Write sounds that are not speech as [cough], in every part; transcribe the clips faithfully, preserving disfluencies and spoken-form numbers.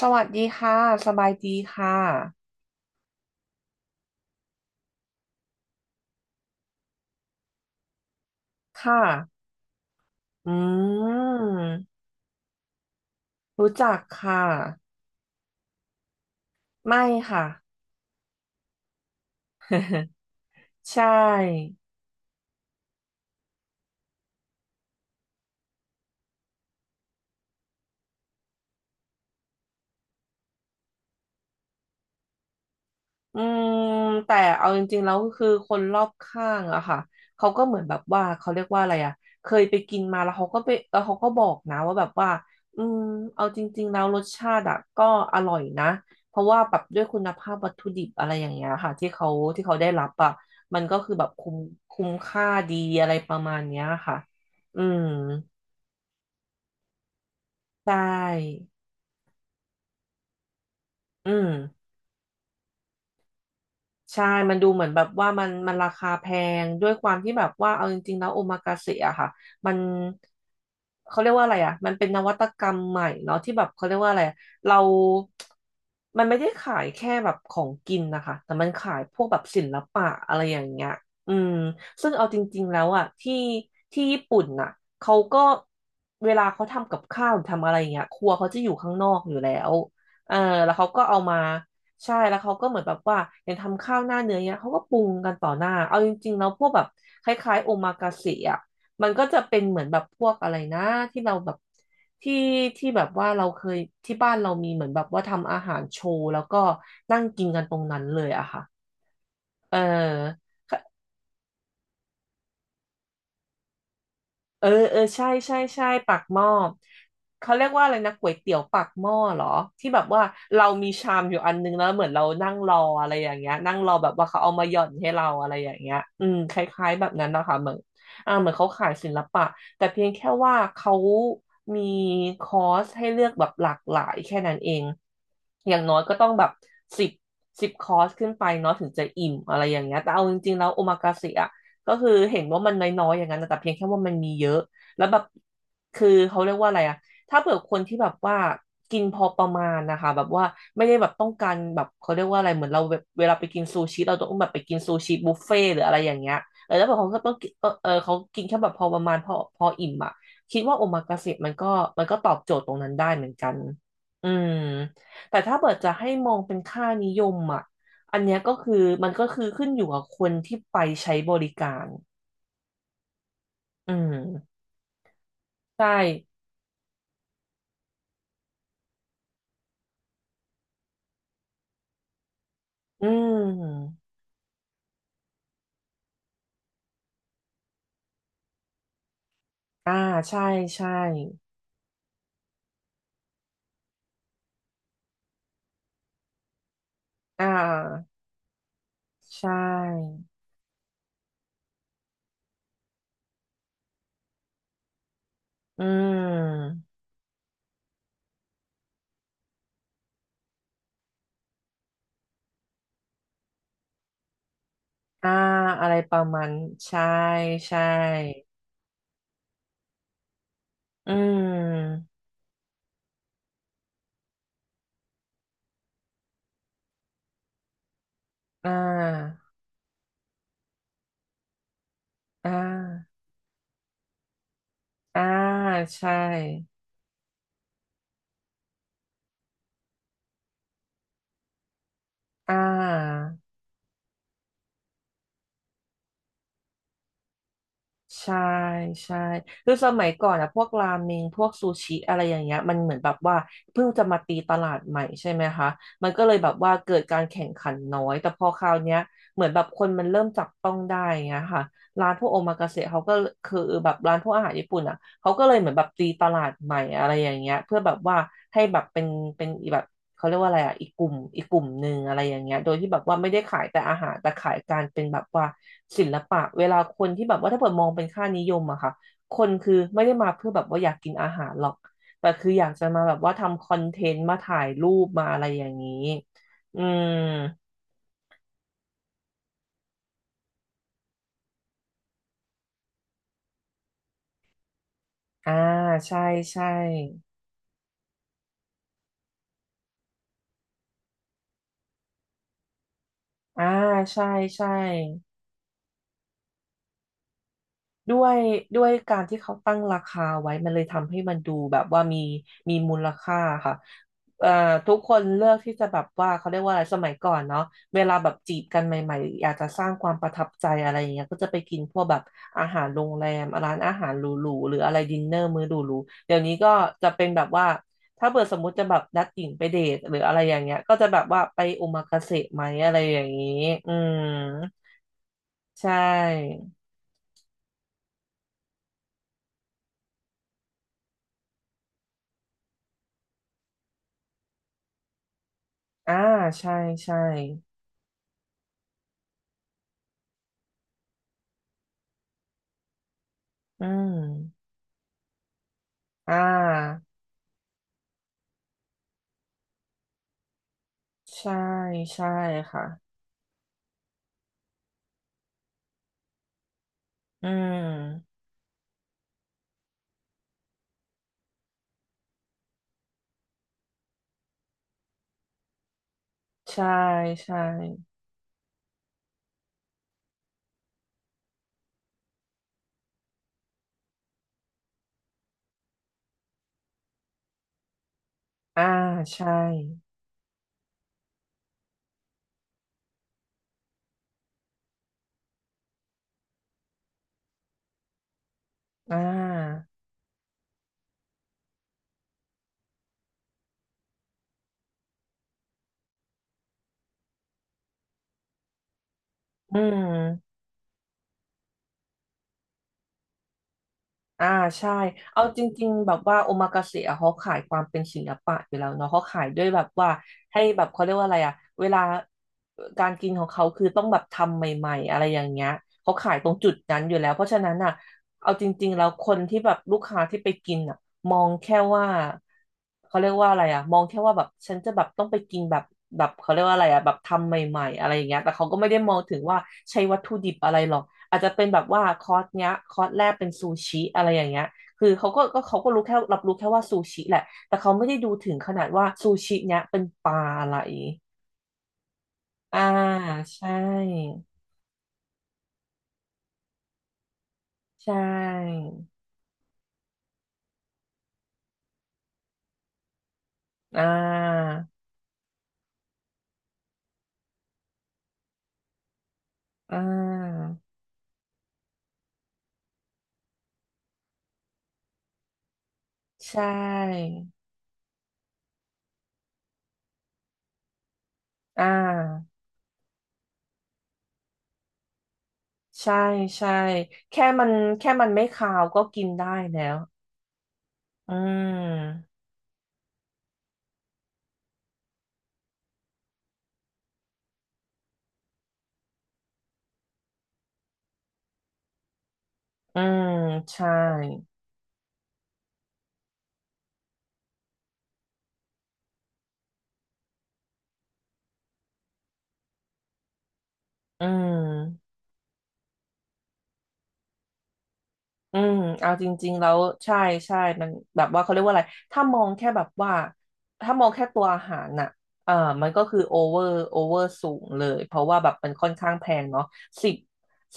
สวัสดีค่ะ สบายดีค่ะ ค่ะ อืม รู้จักค่ะ ไม่ค่ะ [laughs] ใช่ อืมแต่เอาจริงๆแล้วคือคนรอบข้างอะค่ะเขาก็เหมือนแบบว่าเขาเรียกว่าอะไรอะเคยไปกินมาแล้วเขาก็ไปแล้วเขาก็บอกนะว่าแบบว่าอืมเอาจริงๆแล้วรสชาติอะก็อร่อยนะเพราะว่าแบบด้วยคุณภาพวัตถุดิบอะไรอย่างเงี้ยค่ะที่เขาที่เขาได้รับอะมันก็คือแบบคุ้มคุ้มค่าดีอะไรประมาณเนี้ยค่ะอืมใช่อืม ใช่มันดูเหมือนแบบว่ามันมันราคาแพงด้วยความที่แบบว่าเอาจริงๆแล้วโอมากาเสะอะค่ะมันเขาเรียกว่าอะไรอะมันเป็นนวัตกรรมใหม่เนาะที่แบบเขาเรียกว่าอะไรอะเรามันไม่ได้ขายแค่แบบของกินนะคะแต่มันขายพวกแบบศิลปะอะไรอย่างเงี้ยอืมซึ่งเอาจริงๆแล้วอะที่ที่ญี่ปุ่นน่ะเขาก็เวลาเขาทำกับข้าวหรือทำอะไรอย่างเงี้ยครัวเขาจะอยู่ข้างนอกอยู่แล้วเออแล้วเขาก็เอามา ใช่แล้วเขาก็เหมือนแบบว่าอย่างทำข้าวหน้าเนื้อเนี้ยเขาก็ปรุงกันต่อหน้าเอาจริงๆแล้วพวกแบบคล้ายๆโอมากาเสะอ่ะมันก็จะเป็นเหมือนแบบพวกอะไรนะที่เราแบบที่ที่แบบว่าเราเคยที่บ้านเรามีเหมือนแบบว่าทำอาหารโชว์แล้วก็นั่งกินกันตรงนั้นเลยอะค่ะเออ เออเออใช่ใช่ใช่ปากหม้อเขาเรียกว่าอะไรนะก๋วยเตี๋ยวปากหม้อเหรอที่แบบว่าเรามีชามอยู่อันนึงแล้วเหมือนเรานั่งรออะไรอย่างเงี้ยนั่งรอแบบว่าเขาเอามาหย่อนให้เราอะไรอย่างเงี้ยอืมคล้ายๆแบบนั้นนะคะเหมือนอ่าเหมือนเขาขายศิลปะแต่เพียงแค่ว่าเขามีคอร์สให้เลือกแบบหลากหลายแค่นั้นเองอย่างน้อยก็ต้องแบบสิบสิบคอร์สขึ้นไปเนาะถึงจะอิ่มอะไรอย่างเงี้ยแต่เอาจริงๆแล้วโอมากาเสะ ก็คือเห็นว่ามันน้อยๆอย่างนั้นนะแต่เพียงแค่ว่ามันมีเยอะแล้วแบบคือเขาเรียกว่าอะไรอะถ้าเผื่อคนที่แบบว่ากินพอประมาณนะคะแบบว่าไม่ได้แบบต้องการแบบเขาเรียกว่าอะไรเหมือนเราแบบเวลาไปกินซูชิเราต้องแบบไปกินซูชิบุฟเฟ่ต์หรืออะไรอย่างเงี้ยเออแล้วแบบเขาก็ต้องกินเออเออเขากินแค่แบบพอประมาณพอพออิ่มอะคิดว่าโอมากาเสะมันก็มันก็ตอบโจทย์ตรงนั้นได้เหมือนกันอืมแต่ถ้าเกิดจะให้มองเป็นค่านิยมอ่ะ อันเนี้ยก็คือมันก็คือขึ้นอยู่กับคนที่ไปใช้บริการอืมใช่ อืมอ่าใช่ใช่อ่าใช่อืมอ่าอะไรประมาณใช่ใช่อืมอ่าอ่าอ่าใช่อ่า ใช่ใช่คือสมัยก่อนอะพวกราเมงพวกซูชิอะไรอย่างเงี้ยมันเหมือนแบบว่าเพิ่งจะมาตีตลาดใหม่ใช่ไหมคะมันก็เลยแบบว่าเกิดการแข่งขันน้อยแต่พอคราวเนี้ยเหมือนแบบคนมันเริ่มจับต้องได้อย่างเงี้ยค่ะร้านพวกโอมากาเสะเขาก็คือแบบร้านพวกอาหารญี่ปุ่นอะเขาก็เลยเหมือนแบบตีตลาดใหม่อะไรอย่างเงี้ยเพื่อแบบว่าให้แบบเป็นเป็นแบบ เขาเรียกว่าอะไรอ่ะอีกกลุ่มอีกกลุ่มหนึ่งอะไรอย่างเงี้ยโดยที่แบบว่าไม่ได้ขายแต่อาหารแต่ขายการเป็นแบบว่าศิลปะเวลาคนที่แบบว่าถ้าเปิดมองเป็นค่านิยมอะค่ะคนคือไม่ได้มาเพื่อแบบว่าอยากกินอาหารหรอกแต่คืออยากจะมาแบบว่าทำคอนเทนต์มาถ่ายรูปมาอะไรอย่างนี้อืมอ่าใช่ใช่อ่าใช่ใช่ ด้วยด้วยการที่เขาตั้งราคาไว้มันเลยทำให้มันดูแบบว่ามีมีมูลค่าค่ะเอ่อทุกคนเลือกที่จะแบบว่าเขาเรียกว่าอะไรสมัยก่อนเนาะเวลาแบบจีบกันใหม่ๆอยากจะสร้างความประทับใจอะไรอย่างเงี้ยก็จะไปกินพวกแบบอาหารโรงแรมร้านอาหารหรูๆหรืออะไรดินเนอร์มื้อหรูๆเดี๋ยวนี้ก็จะเป็นแบบว่าถ้าเกิดสมมติจะแบบนัดหญิงไปเดทหรืออะไรอย่างเงี้ยก็จะแบบว่าไปโอมากาเสะไหมอะไรอย่างงี้อืมใช่อ่าใช่ใช่ อืม อ่าใช่ใช่ค่ะอืมใช่ใช่อ่าใช่อ่า อืม อ่าใช่เอาจริงๆแบบว่าโอมากาเสะอะเขาขายความเป็นศิลปะอยู่แล้วเนาะเขาขายด้วยแบบว่าให้แบบเขาเรียกว่าอะไรอะเวลาการกินของเขาคือต้องแบบทำใหม่ๆอะไรอย่างเงี้ยเขาขายตรงจุดนั้นอยู่แล้วเพราะฉะนั้นอะเอาจริงๆแล้วคนที่แบบลูกค้าที่ไปกินอะมองแค่ว่าเขาเรียกว่าอะไรอะมองแค่ว่าแบบฉันจะแบบต้องไปกินแบบแบบเขาเรียกว่าอะไรอะแบบทำใหม่ๆอะไรอย่างเงี้ยแต่เขาก็ไม่ได้มองถึงว่าใช้วัตถุดิบอะไรหรอก อาจจะเป็นแบบว่าคอร์สเนี้ยคอร์สแรกเป็นซูชิอะไรอย่างเงี้ยคือเขาก็ก็เขาก็รู้แค่รับรู้แค่ว่าซูชิแหละ แต่เขาไม่ได้ดูถึงขนาดว่าซูชิเนี้ยเป็นปลาอะไร อ่าใช่ใช่อ่าอ่าใช่อ่าใช่ใช่แค่มันแค่มันไม่คาวก็กินได้แล้ว อืมอืมใช่อืม อืมเอาจริงๆแล้วใช่ใช่มันแบบว่าเขาเรียกว่าอะไรถ้ามองแค่แบบว่าถ้ามองแค่ตัวอาหารน่ะเอ่อมันก็คือโอเวอร์โอเวอร์สูงเลยเพราะว่าแบบมันค่อนข้างแพงเนาะสิบ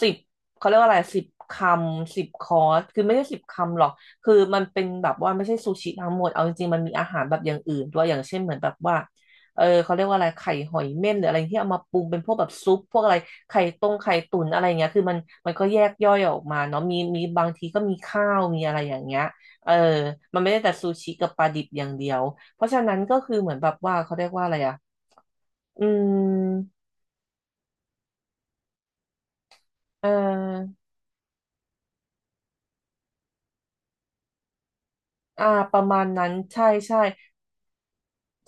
สิบเขาเรียกว่าอะไรสิบคำสิบคอร์สคือไม่ใช่สิบคำหรอกคือมันเป็นแบบว่าไม่ใช่ซูชิทั้งหมดเอาจริงๆมันมีอาหารแบบอย่างอื่นด้วยอย่างเช่นเหมือนแบบว่า เออเขาเรียกว่าอะไรไข่หอยเม่นหรืออะไรที่เอามาปรุงเป็นพวกแบบซุปพวกอะไรไข่ต้มไข่ตุ๋นอะไรอย่างเงี้ยคือมันมันก็แยกย่อยออกมาเนาะมีมีบางทีก็มีข้าวมีอะไรอย่างเงี้ยเออมันไม่ได้แต่ซูชิกับปลาดิบอย่างเดียวเพราะฉะนั้นก็คือเหมือนแบบว่าเขาเรียกว่าอะไรอ่ะอืมเอออ่าประมาณนั้นใช่ใช่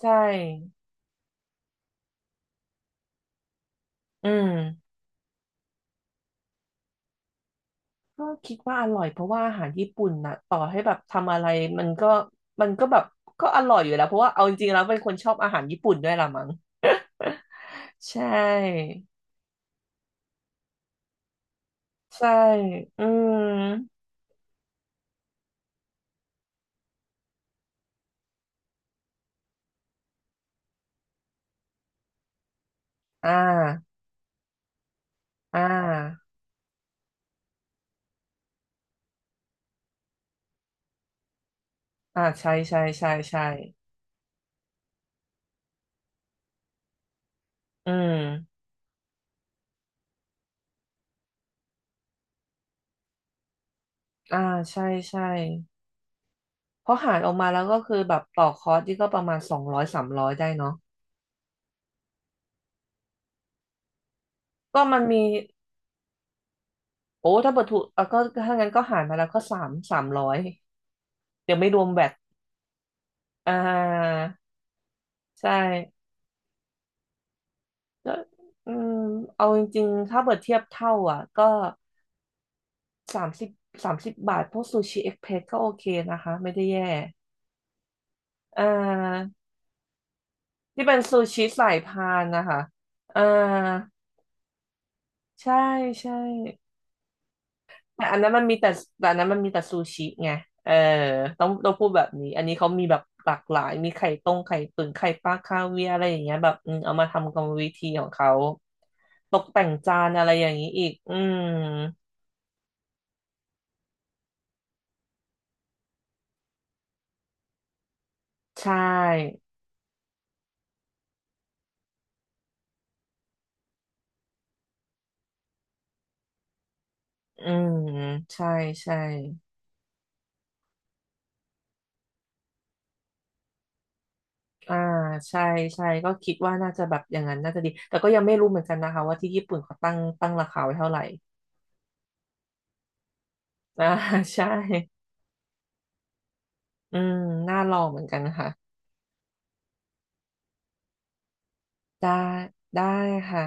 ใช่อืมก็คิดว่าอร่อยเพราะว่าอาหารญี่ปุ่นนะต่อให้แบบทำอะไรมันก็มันก็แบบก็อร่อยอยู่แล้วเพราะว่าเอาจริงๆแล้วเป็นคนชอบอาหารญี่ปุ่นด้วยละมั้ง ใช่ใช่ อืม อ่า อ่าอ่าใช่ใช่ใช่ใช่อืม อ่า ใช่ใช่เพราะหารออกมาแล้วก็คือแบบต่อคอร์สที่ก็ประมาณสองร้อยสามร้อยได้เนาะก็มันมี โอ้ถ้าเปิดถูกเอ่ะก็ถ้างั้นก็หารมาแล้วก็สามสามร้อยเดี๋ยวไม่รวมแบตอ่าใช่ก็อืมเอาจริงๆ ถ้าเปิดเทียบเท่าอ่ะก็สามสิบสามสิบบาทพวกซูชิเอ็กเพรสก็โอเคนะคะไม่ได้แย่ เอ่อที่เป็นซูชิสายพานนะคะเอ่อใช่ใช่แต่อันนั้นมันมีแต่แต่อันนั้นมันมีแต่ซูชิไงเออต้องต้องพูดแบบนี้อันนี้เขามีแบบหลากหลายมีไข่ต้มไข่ตุ๋นไข่ปลาคาเวียร์อะไรอย่างเงี้ยแบบอืมเอามาทำกรรมวิธีของเขาตกแต่งจานอะไรอย่างนี้อีกอืมใช่อืมใช่ใช่อ่าใช่ใช่ก็คิดว่าน่าจะแบบอย่างนั้นน่าจะดีแต่ก็ยังไม่รู้เหมือนกันนะคะว่าที่ญี่ปุ่นเขาตั้งตั้งราคาไว้เท่าไหร่ อ่า [laughs] ใช่อืมน่าลองเหมือนกันค่ะได้ได้ค่ะ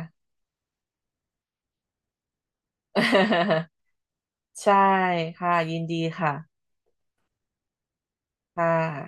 [laughs] ใช่ค่ะยินดีค่ะค่ะ